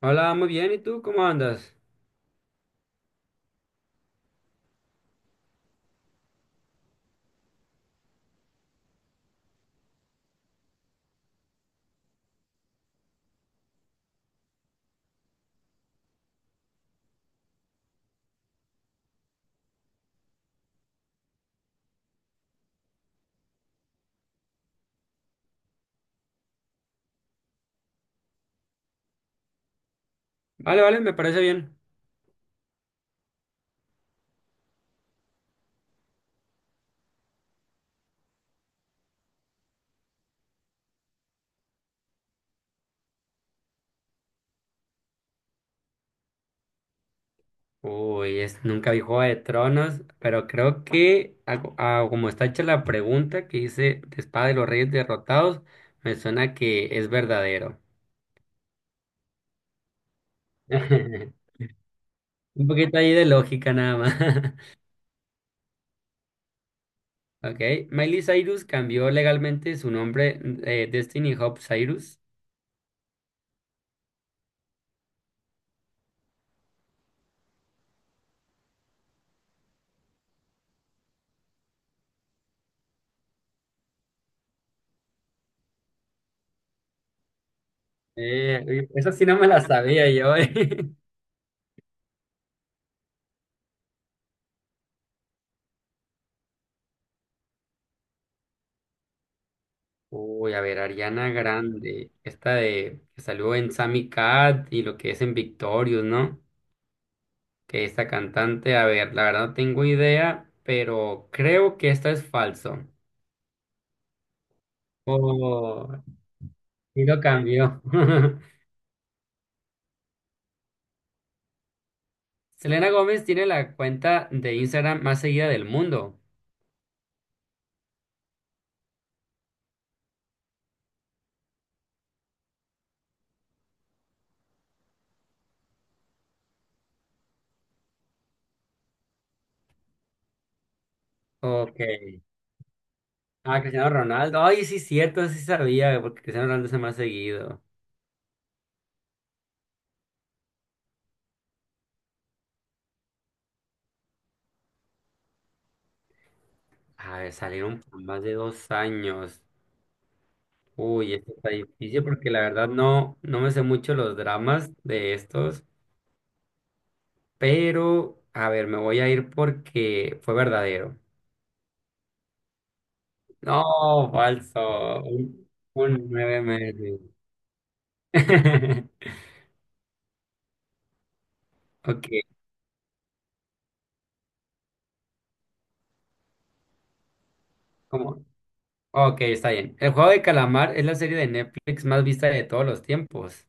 Hola, muy bien. ¿Y tú cómo andas? Vale, vale, me parece bien. Uy, nunca vi Juego de Tronos, pero creo que a como está hecha la pregunta que hice de Espada de los Reyes Derrotados, me suena que es verdadero. Un poquito ahí de lógica nada más. Ok, Miley Cyrus cambió legalmente su nombre Destiny Hope Cyrus. Eh, esa sí no me la sabía yo. Uy, a ver, Ariana Grande, esta de que salió en Sammy Cat y lo que es en Victorious, ¿no? Que esta cantante, a ver, la verdad no tengo idea, pero creo que esta es falso. Oh, y lo cambió. Selena Gómez tiene la cuenta de Instagram más seguida del mundo. Ok. Ah, Cristiano Ronaldo. Ay, sí, cierto, sí sabía, porque Cristiano Ronaldo es el más seguido. A ver, salieron por más de 2 años. Uy, esto está difícil porque la verdad no me sé mucho los dramas de estos, pero a ver, me voy a ir porque fue verdadero. No, falso. Un 9 meses. Ok, ¿cómo? Ok, está bien. El juego de calamar es la serie de Netflix más vista de todos los tiempos.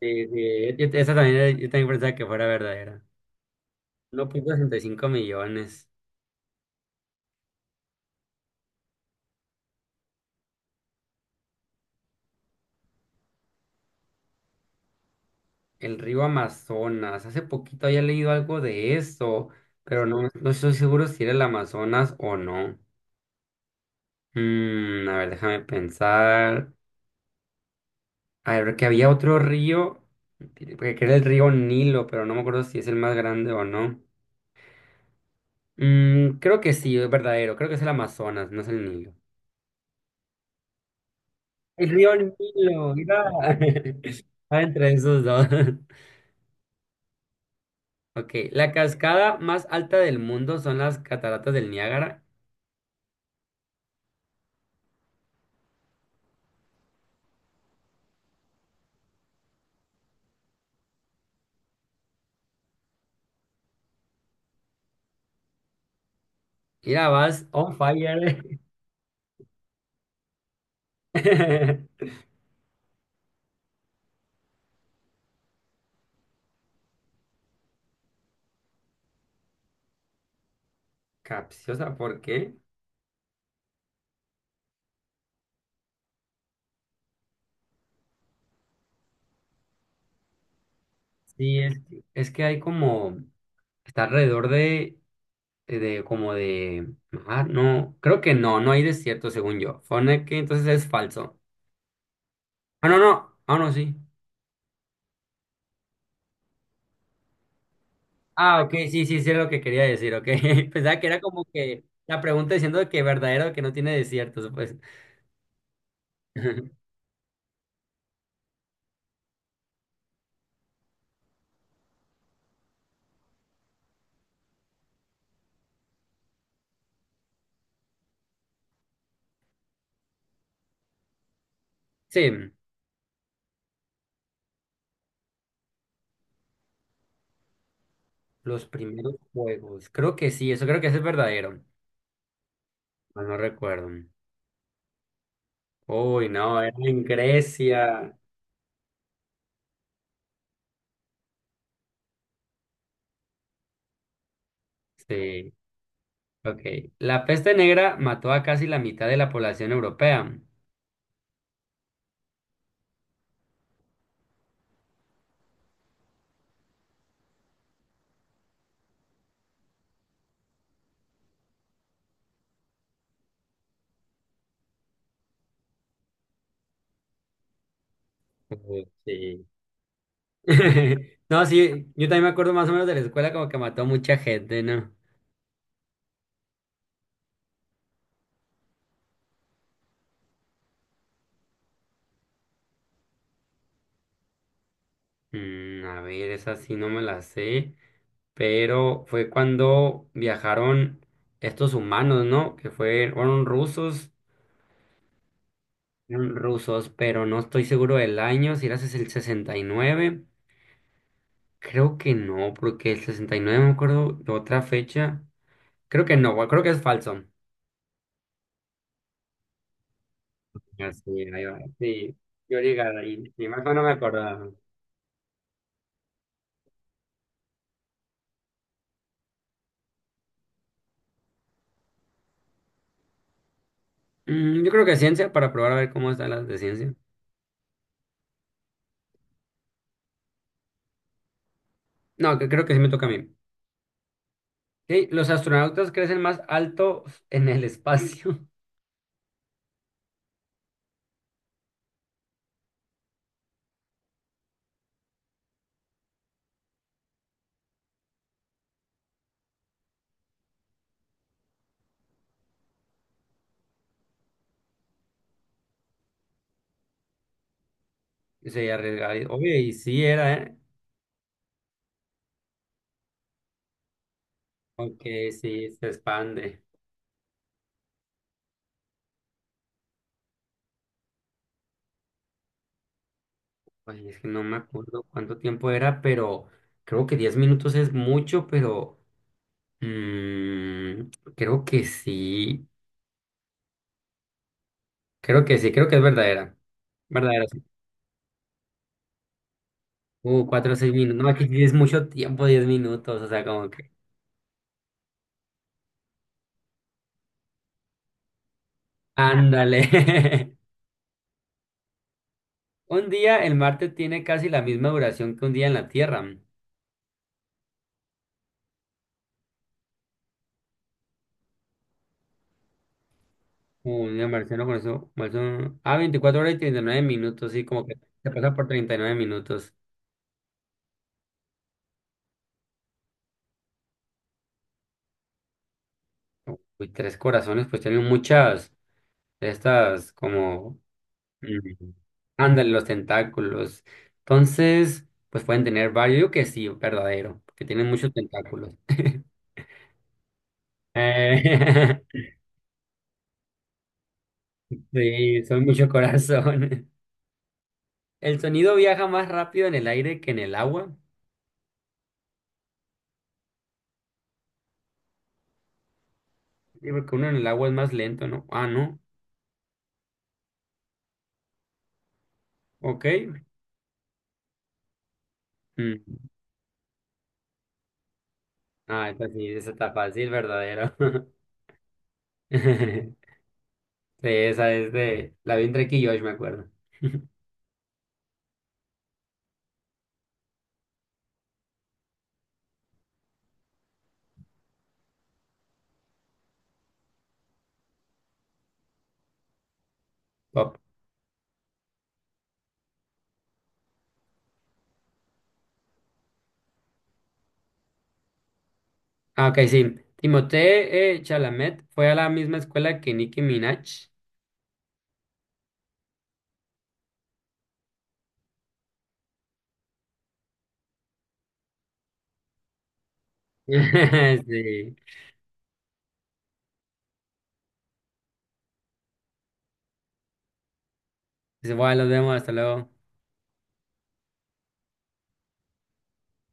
Sí, sí, esa también, yo también pensaba que fuera verdadera. 1,65 millones. El río Amazonas. Hace poquito había leído algo de eso, pero no estoy seguro si era el Amazonas o no. A ver, déjame pensar. A ver, que había otro río, que era el río Nilo, pero no me acuerdo si es el más grande o no. Creo que sí, es verdadero. Creo que es el Amazonas, no es el Nilo. El río Nilo, mira. Estaba entre esos dos. Ok, la cascada más alta del mundo son las cataratas del Niágara. Mira, vas on fire. Capciosa, ¿por qué? Sí, es que hay como, está alrededor de como de, ah, no, creo que no, no hay desierto según yo. Fone que entonces es falso. Ah, no, no, ah, no, sí. Ah, ok, sí, sí, sí es lo que quería decir, ok. Pensaba que era como que la pregunta diciendo de que verdadero que no tiene desiertos, pues. Sí, los primeros juegos, creo que sí, eso creo que ese es verdadero. No, no recuerdo. Uy, no, era en Grecia. Sí. Ok. La peste negra mató a casi la mitad de la población europea. Ujú, sí. No, sí, yo también me acuerdo más o menos de la escuela como que mató mucha gente, ¿no? A ver, esa sí no me la sé, pero fue cuando viajaron estos humanos, ¿no? Que fueron rusos, eran rusos, pero no estoy seguro del año, si era el 69, creo que no, porque el 69 no me acuerdo de otra fecha, creo que no, creo que es falso. Así, ahí va. Sí, yo llegaba ahí. Y más o no me acordaba. Yo creo que ciencia, para probar a ver cómo están las de ciencia. No, que creo que sí me toca a mí. Sí, los astronautas crecen más alto en el espacio. Y se arriesgaba. Oye, y sí era, ¿eh? Aunque sí, se expande. Ay, es que no me acuerdo cuánto tiempo era, pero creo que 10 minutos es mucho, pero mm, creo que sí. Creo que sí, creo que es verdadera. Verdadera. 4 o 6 minutos. No, aquí tienes mucho tiempo, 10 minutos, o sea, como que. Ándale. Un día, el Marte tiene casi la misma duración que un día en la Tierra. Un día marciano, por eso, Ah, 24 horas y 39 minutos, sí, como que se pasa por 39 minutos. Uy, tres corazones, pues tienen muchas de estas, como. mm, Ándale, los tentáculos. Entonces, pues pueden tener varios. Yo que sí, verdadero, porque tienen muchos tentáculos. Eh, Sí, son mucho corazón. El sonido viaja más rápido en el aire que en el agua. Sí, porque uno en el agua es más lento, ¿no? Ah, no. Ok. Mm. Ah, esa sí, esa está fácil, verdadero. Sí, esa es de... La vi en Drake y Josh, me acuerdo. Pop. Ah, ok, sí. Timothée Chalamet fue a la misma escuela que Nicki Minaj. Sí. Dice, bueno, los vemos, hasta luego.